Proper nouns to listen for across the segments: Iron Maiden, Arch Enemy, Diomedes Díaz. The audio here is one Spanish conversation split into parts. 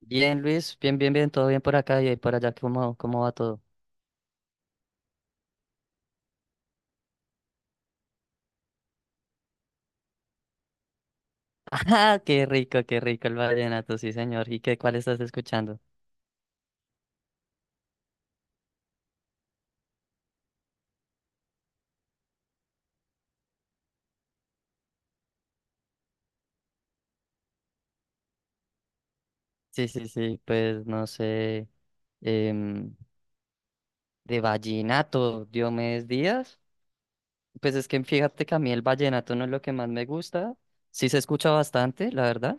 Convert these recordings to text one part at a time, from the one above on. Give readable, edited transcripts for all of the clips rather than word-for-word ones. Bien, Luis, bien, bien, bien, todo bien por acá y ahí por allá. ¿Cómo, cómo va todo? Ah, qué rico el vallenato, sí, señor. ¿Y qué, cuál estás escuchando? Sí, sí, sí, pues no sé, em, de vallenato, Diomedes Díaz. Pues es que fíjate que a mí el vallenato no es lo que más me gusta. Sí se escucha bastante, la verdad.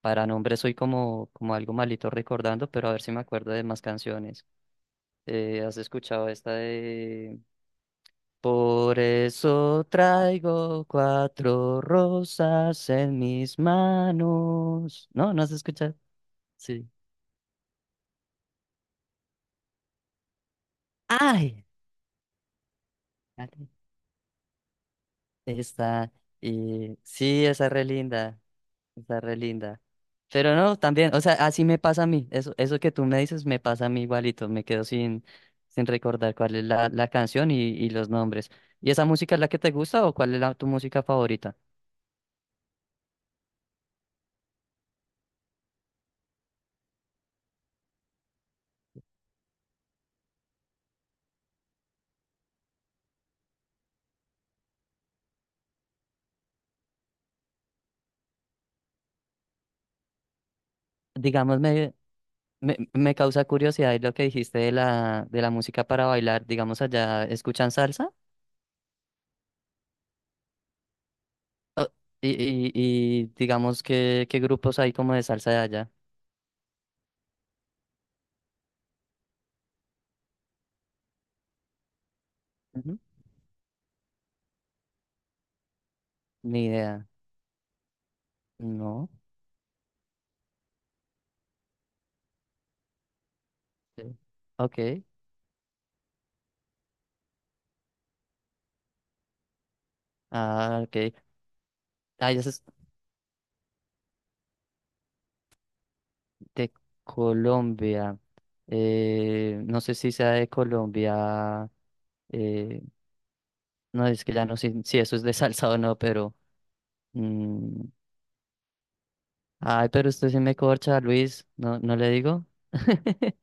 Para nombre soy como, como algo malito recordando, pero a ver si me acuerdo de más canciones. ¿Has escuchado esta de... Por eso traigo cuatro rosas en mis manos? No, no has escuchado. Sí. Ay, ay, está. Y sí, esa re linda. Está re linda. Pero no, también, o sea, así me pasa a mí. Eso que tú me dices me pasa a mí igualito. Me quedo sin recordar cuál es la canción y los nombres. ¿Y esa música es la que te gusta o cuál es la, tu música favorita? Dígame, me causa curiosidad lo que dijiste de de la música para bailar. Digamos, allá escuchan salsa. O- y, y digamos, ¿qué, qué grupos hay como de salsa de allá? Ujú. Ni idea. No. Sí. Ok. Ah, ok. Ah, ya es de Colombia. No sé si sea de Colombia, eh, no, es que ya no sé si eso es de salsa o no, pero... mm, ay, pero usted sí me corcha, Luis. No, no le digo.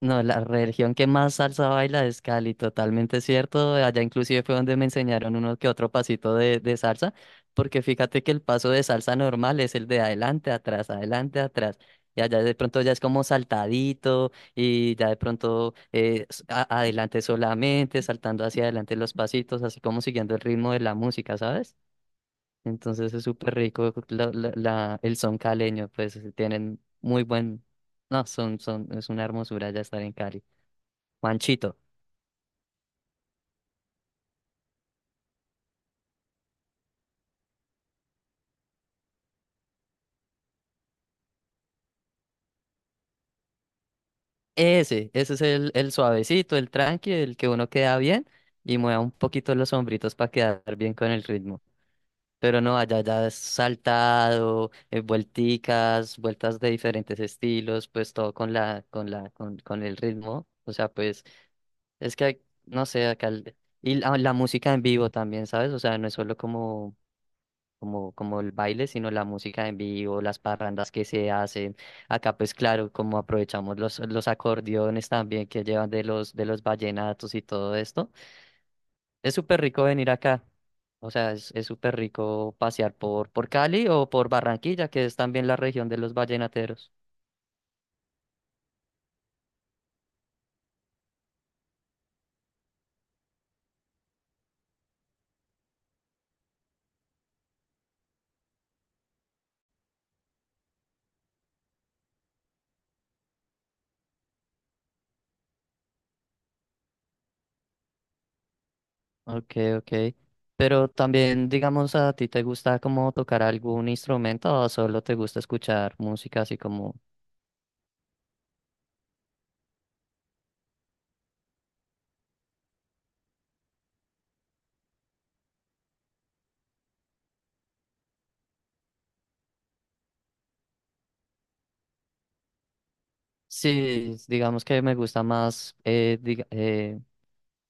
No, la religión que más salsa baila es Cali, totalmente cierto. Allá inclusive fue donde me enseñaron uno que otro pasito de salsa, porque fíjate que el paso de salsa normal es el de adelante, atrás, adelante, atrás. Y allá de pronto ya es como saltadito y ya de pronto adelante solamente, saltando hacia adelante los pasitos, así como siguiendo el ritmo de la música, ¿sabes? Entonces es súper rico el son caleño, pues tienen muy buen... No, son, son, es una hermosura ya estar en Cali. Manchito. Ese es el suavecito, el tranqui, el que uno queda bien y mueva un poquito los hombritos para quedar bien con el ritmo. Pero no, allá ya es saltado, vuelticas, vueltas de diferentes estilos, pues todo con con el ritmo. O sea, pues, es que, no sé, y la música en vivo también, ¿sabes? O sea, no es solo como como el baile, sino la música en vivo, las parrandas que se hacen. Acá, pues claro, como aprovechamos los acordeones también que llevan de de los vallenatos y todo esto. Es súper rico venir acá. O sea, es súper rico pasear por Cali o por Barranquilla, que es también la región de los vallenateros. Ok, ok. Pero también, digamos, ¿a ti te gusta como tocar algún instrumento o solo te gusta escuchar música así como... Sí, digamos que me gusta más, o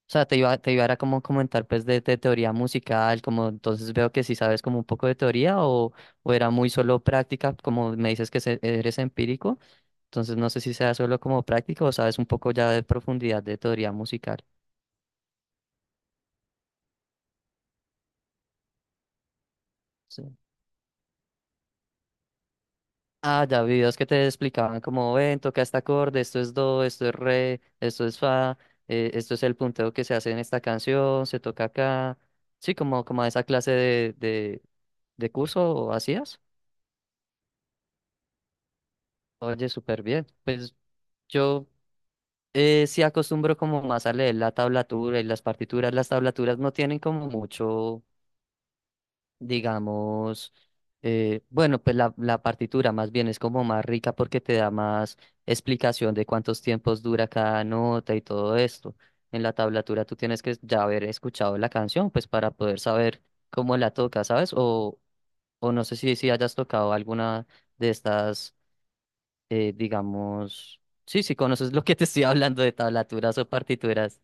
sea, te iba era como comentar pues de teoría musical, como entonces veo que sí sabes como un poco de teoría o era muy solo práctica, como me dices que eres empírico, entonces no sé si sea solo como práctica o sabes un poco ya de profundidad de teoría musical. Sí. Ah, ya vi videos que te explicaban como ven, toca este acorde, esto es do, esto es re, esto es fa, esto es el punteo que se hace en esta canción, se toca acá. Sí, como, como esa clase de, de curso hacías. Oye, súper bien. Pues yo, sí acostumbro como más a leer la tablatura y las partituras. Las tablaturas no tienen como mucho. Digamos, bueno, pues la partitura más bien es como más rica porque te da más explicación de cuántos tiempos dura cada nota y todo esto. En la tablatura tú tienes que ya haber escuchado la canción, pues para poder saber cómo la toca, ¿sabes? O no sé si hayas tocado alguna de estas, digamos, sí, si conoces lo que te estoy hablando de tablaturas o partituras.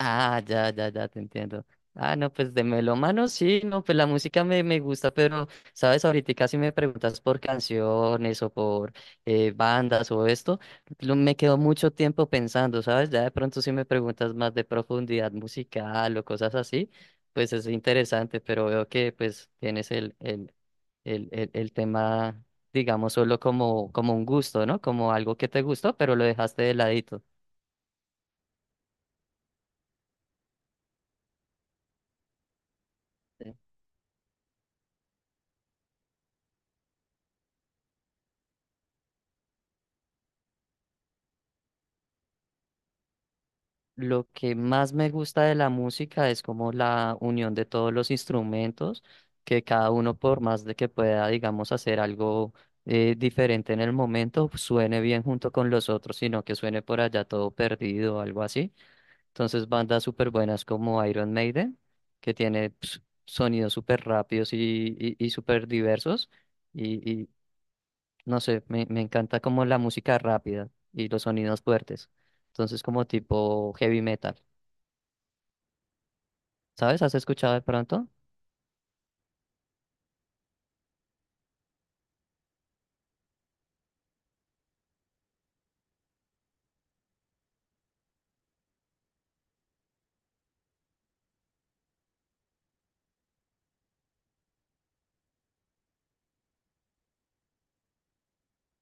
Ah, ya, ya, ya, te entiendo. Ah, no, pues de melómano sí, no, pues la música me gusta, pero, sabes, ahorita si me preguntas por canciones o por bandas o esto, me quedo mucho tiempo pensando, ¿sabes? Ya de pronto si me preguntas más de profundidad musical o cosas así, pues es interesante, pero veo que pues tienes el tema, digamos, solo como, como un gusto, ¿no? Como algo que te gustó, pero lo dejaste de ladito. Lo que más me gusta de la música es como la unión de todos los instrumentos, que cada uno por más de que pueda, digamos, hacer algo diferente en el momento, suene bien junto con los otros, sino que suene por allá todo perdido o algo así. Entonces, bandas súper buenas como Iron Maiden, que tiene ps, sonidos súper rápidos y súper diversos. Y no sé, me encanta como la música rápida y los sonidos fuertes. Entonces, como tipo heavy metal. ¿Sabes? ¿Has escuchado de pronto?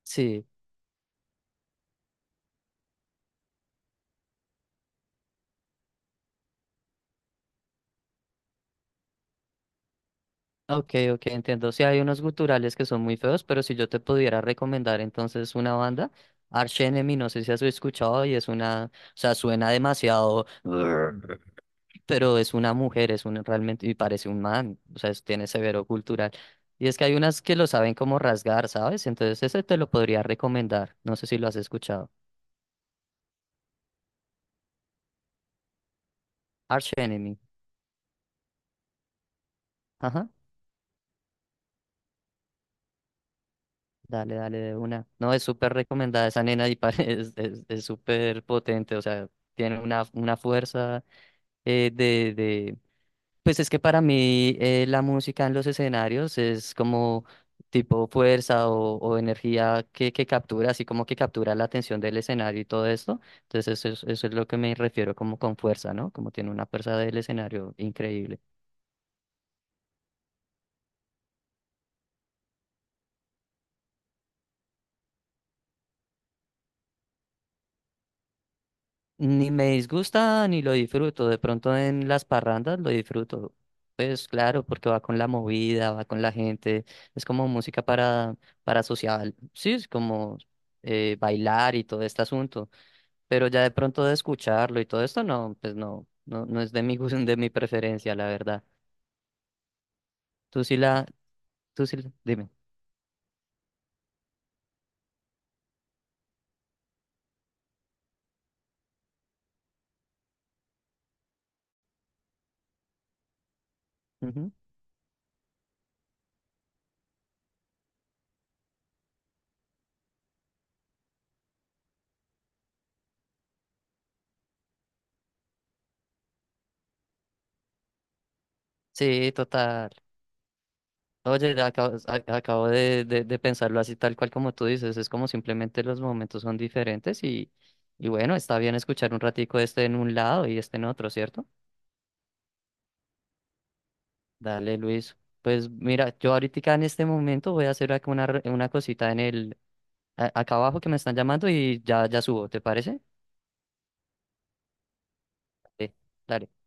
Sí. Ok, ok, entiendo. Sí, hay unos guturales que son muy feos, pero si yo te pudiera recomendar entonces una banda, Arch Enemy, no sé si has escuchado y es una, o sea, suena demasiado, pero es una mujer, es un realmente, y parece un man, o sea, tiene severo cultural. Y es que hay unas que lo saben como rasgar, ¿sabes? Entonces ese te lo podría recomendar, no sé si lo has escuchado. Arch Enemy. Ajá. Dale, dale, de una. No, es súper recomendada esa nena y es, es súper potente, o sea, tiene una fuerza, de... Pues es que para mí, la música en los escenarios es como tipo fuerza o energía que captura, así como que captura la atención del escenario y todo esto. Entonces eso es lo que me refiero como con fuerza, ¿no? Como tiene una fuerza del escenario increíble. Ni me disgusta ni lo disfruto. De pronto en las parrandas lo disfruto. Pues claro, porque va con la movida, va con la gente. Es como música para social. Sí, es como bailar y todo este asunto. Pero ya de pronto de escucharlo y todo esto, no, pues no, no, no es de mi gusto, de mi preferencia, la verdad. Tú sí la, tú sí, dime. Ujú. Sí, total. Oye, acabo de pensarlo así tal cual como tú dices, es como simplemente los momentos son diferentes y bueno, está bien escuchar un ratico este en un lado y este en otro, ¿cierto? Dale, Luis. Pues mira, yo ahorita en este momento voy a hacer acá una, una cosita en el, acá abajo que me están llamando y ya, ya subo, ¿te parece? Sí, dale.